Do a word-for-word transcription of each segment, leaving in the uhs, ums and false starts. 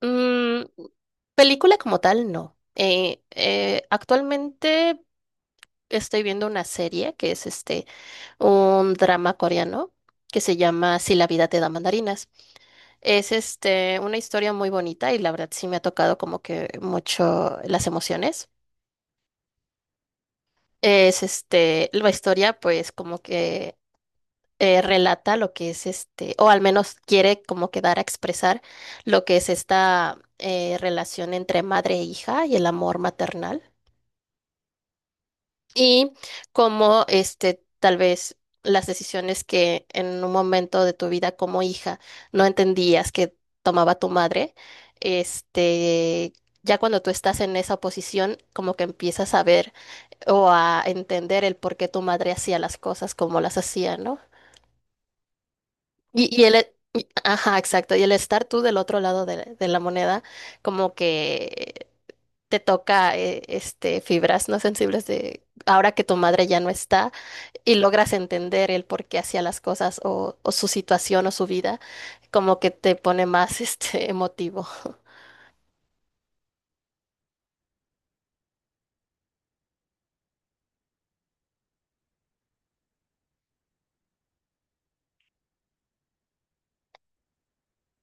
Mm, Película como tal, no. Eh, eh, actualmente estoy viendo una serie que es este un drama coreano que se llama Si la vida te da mandarinas. Es este una historia muy bonita, y la verdad sí me ha tocado como que mucho las emociones. Es este la historia, pues como que eh, relata lo que es este o al menos quiere como que dar a expresar lo que es esta eh, relación entre madre e hija y el amor maternal. Y cómo este tal vez las decisiones que en un momento de tu vida como hija no entendías que tomaba tu madre, este ya cuando tú estás en esa posición como que empiezas a ver o a entender el por qué tu madre hacía las cosas como las hacía, ¿no? Y, y el e- y- ajá, exacto. Y el estar tú del otro lado de, la de la moneda, como que te toca eh, este fibras no sensibles de ahora que tu madre ya no está, y logras entender el por qué hacía las cosas, o, o su situación o su vida, como que te pone más este emotivo.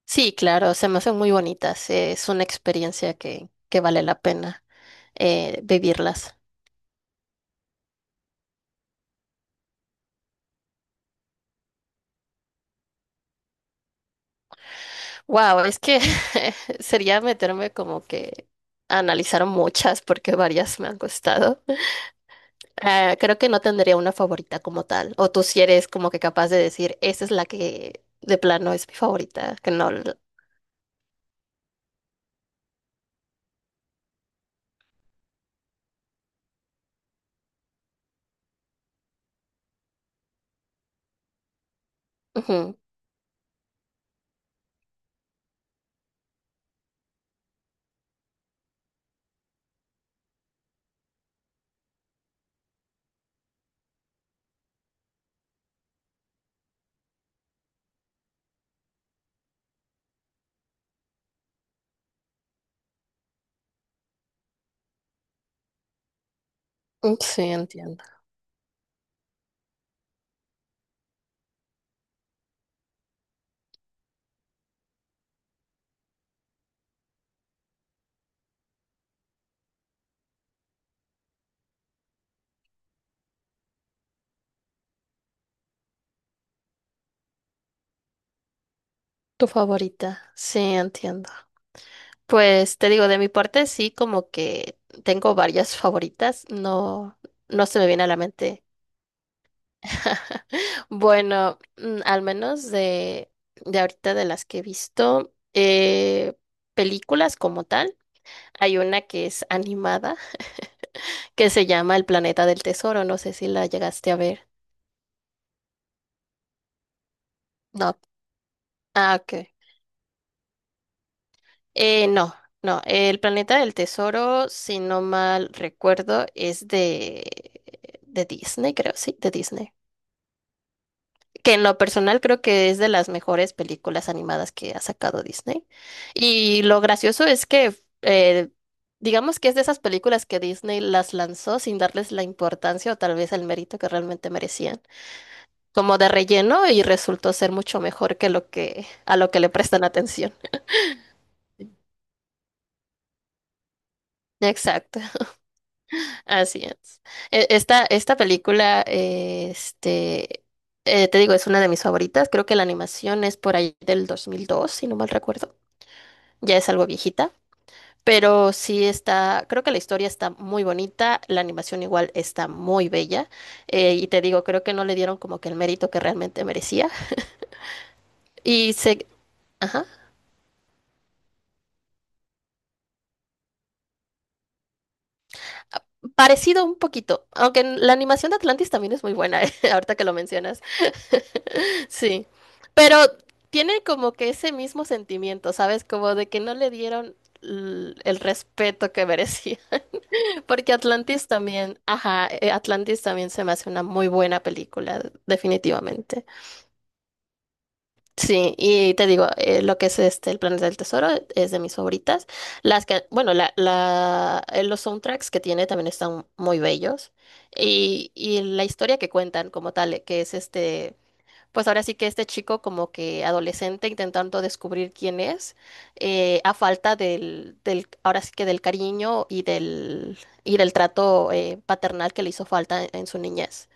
Sí, claro, se me hacen muy bonitas. Eh, es una experiencia que, que vale la pena eh, vivirlas. Wow, es que sería meterme como que a analizar muchas, porque varias me han costado. Eh, creo que no tendría una favorita como tal. O tú, si eres como que capaz de decir, esa es la que de plano es mi favorita, que no. la- Ujú. Sí, entiendo. Tu favorita, sí, entiendo. Pues te digo, de mi parte sí, como que tengo varias favoritas, no, no se me viene a la mente. Bueno, mm, al menos de, de ahorita de las que he visto, eh, películas como tal, hay una que es animada, que se llama El Planeta del Tesoro. No sé si la llegaste a ver. No. Ah, ok. Eh, no, no, el Planeta del Tesoro, si no mal recuerdo, es de, de Disney, creo, sí, de Disney. Que en lo personal, creo que es de las mejores películas animadas que ha sacado Disney. Y lo gracioso es que, eh, digamos que es de esas películas que Disney las lanzó sin darles la importancia o tal vez el mérito que realmente merecían, como de relleno, y resultó ser mucho mejor que lo que a lo que le prestan atención. Exacto. Así es. E- Esta, esta película, eh, este, eh, te digo, es una de mis favoritas. Creo que la animación es por ahí del dos mil dos, si no mal recuerdo. Ya es algo viejita, pero sí está, creo que la historia está muy bonita, la animación igual está muy bella. Eh, y te digo, creo que no le dieron como que el mérito que realmente merecía. Y se... ajá. Parecido un poquito, aunque en- la animación de Atlantis también es muy buena, eh, ahorita que lo mencionas. Sí, pero tiene como que ese mismo sentimiento, ¿sabes? Como de que no le dieron l- el respeto que merecía. Porque Atlantis también, ajá, eh, Atlantis también se me hace una muy buena película, definitivamente. Sí, y te digo, eh, lo que es este El Planeta del Tesoro es de mis favoritas. Las que, bueno, la, la, eh, los soundtracks que tiene también están muy bellos. Y, y la historia que cuentan como tal, eh, que es este, pues ahora sí que este chico, como que adolescente, intentando descubrir quién es, eh, a falta del, del, ahora sí que del cariño, y del, y del trato eh, paternal que le hizo falta en en su niñez.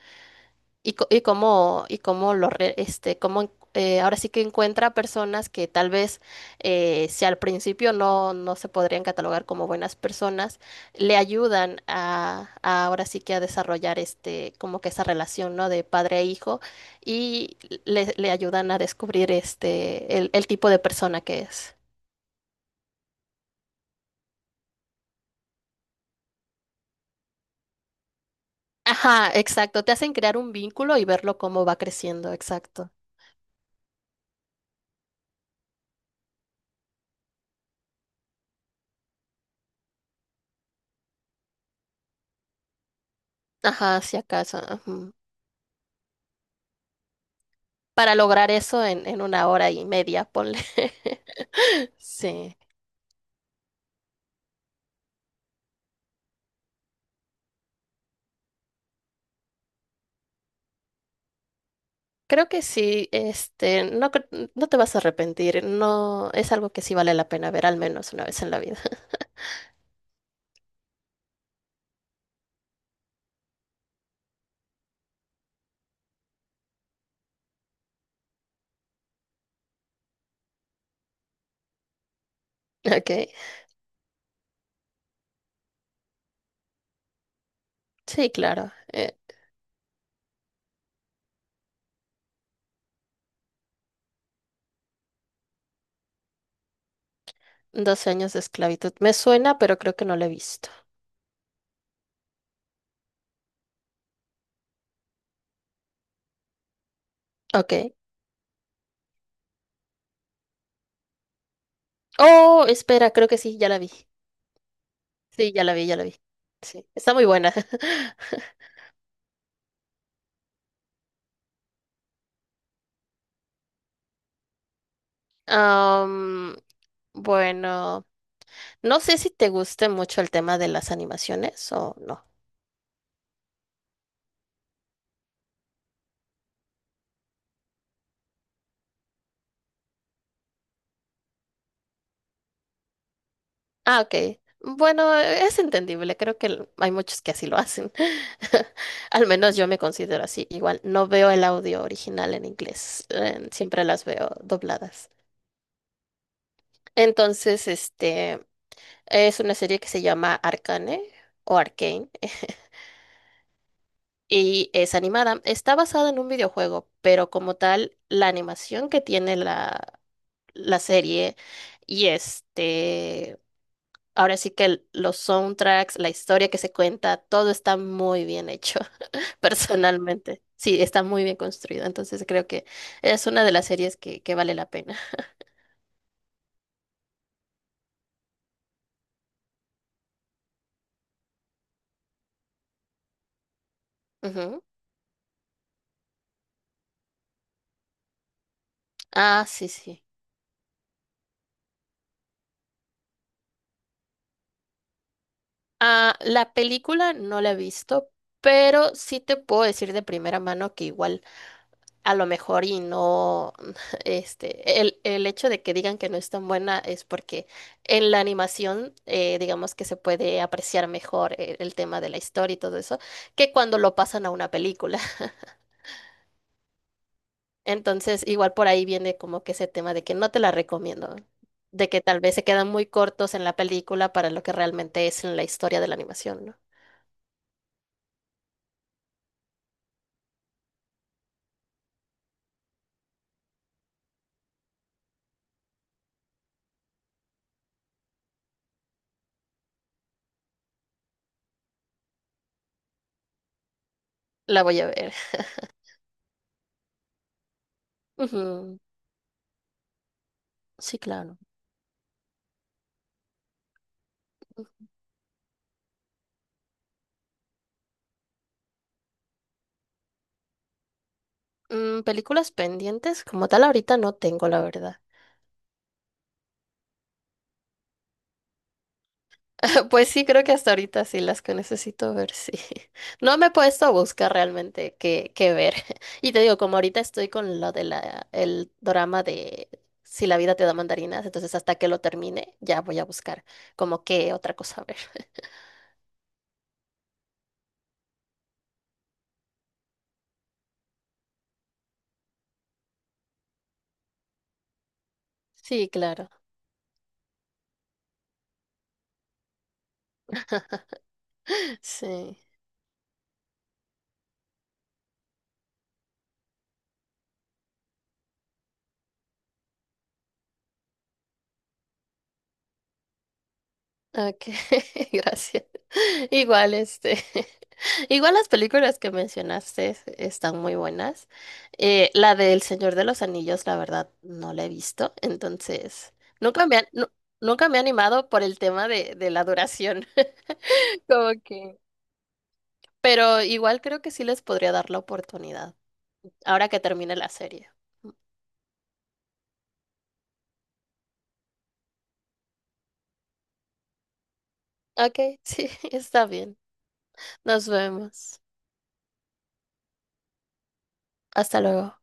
Y, co- y cómo, y cómo lo re- este, cómo en- eh, ahora sí que encuentra personas que tal vez eh, si al principio no, no se podrían catalogar como buenas personas, le ayudan a, a ahora sí que a desarrollar este, como que esa relación, ¿no? De padre e hijo, y le, le ayudan a descubrir este el, el tipo de persona que es. Ajá, exacto. Te hacen crear un vínculo y verlo cómo va creciendo, exacto. Ajá, si acaso. Ujú. Para lograr eso en, en una hora y media, ponle. Sí, creo que sí, este, no, cre- no te vas a arrepentir, no, es algo que sí vale la pena ver al menos una vez en la vida. Ok, sí, claro, eh, doce años de esclavitud, me suena, pero creo que no la he visto. Ok, oh, espera, creo que sí, ya la vi, sí, ya la vi, ya la vi, sí, está muy buena. Am, bueno, no sé si te guste mucho el tema de las animaciones o no. Ah, ok. Bueno, es entendible. Creo que l- hay muchos que así lo hacen. Al menos yo me considero así. Igual, no veo el audio original en inglés. Eh, siempre las veo dobladas. Entonces, este es una serie que se llama Arcane o Arcane, eh, y es animada. Está basada en un videojuego, pero como tal, la animación que tiene la, la serie, y este ahora sí que el- los soundtracks, la historia que se cuenta, todo está muy bien hecho, personalmente. Sí, está muy bien construido. Entonces creo que es una de las series que, que vale la pena. Ujú. Ah, sí, sí. Ah, la película no la he visto, pero sí te puedo decir de primera mano que igual a lo mejor y no, este, el, el hecho de que digan que no es tan buena es porque en la animación, eh, digamos que se puede apreciar mejor el, el tema de la historia y todo eso, que cuando lo pasan a una película. Entonces, igual por ahí viene como que ese tema de que no te la recomiendo, de que tal vez se quedan muy cortos en la película para lo que realmente es en la historia de la animación, ¿no? La voy a ver. Ujú. Sí, claro. Mm, películas pendientes, como tal, ahorita no tengo, la verdad. Pues sí, creo que hasta ahorita sí las que necesito ver, sí. No me he puesto a buscar realmente qué, qué ver. Y te digo, como ahorita estoy con lo de la, el drama de Si la vida te da mandarinas, entonces hasta que lo termine, ya voy a buscar como qué otra cosa ver. Sí, claro. Sí. Ok, gracias. Igual, este, igual las películas que mencionaste están muy buenas. Eh, la del Señor de los Anillos, la verdad, no la he visto, entonces nunca me, han- nu- nunca me he animado por el tema de, de la duración. Como que, pero igual creo que sí les podría dar la oportunidad, ahora que termine la serie. Ok, sí, está bien. Nos vemos. Hasta luego.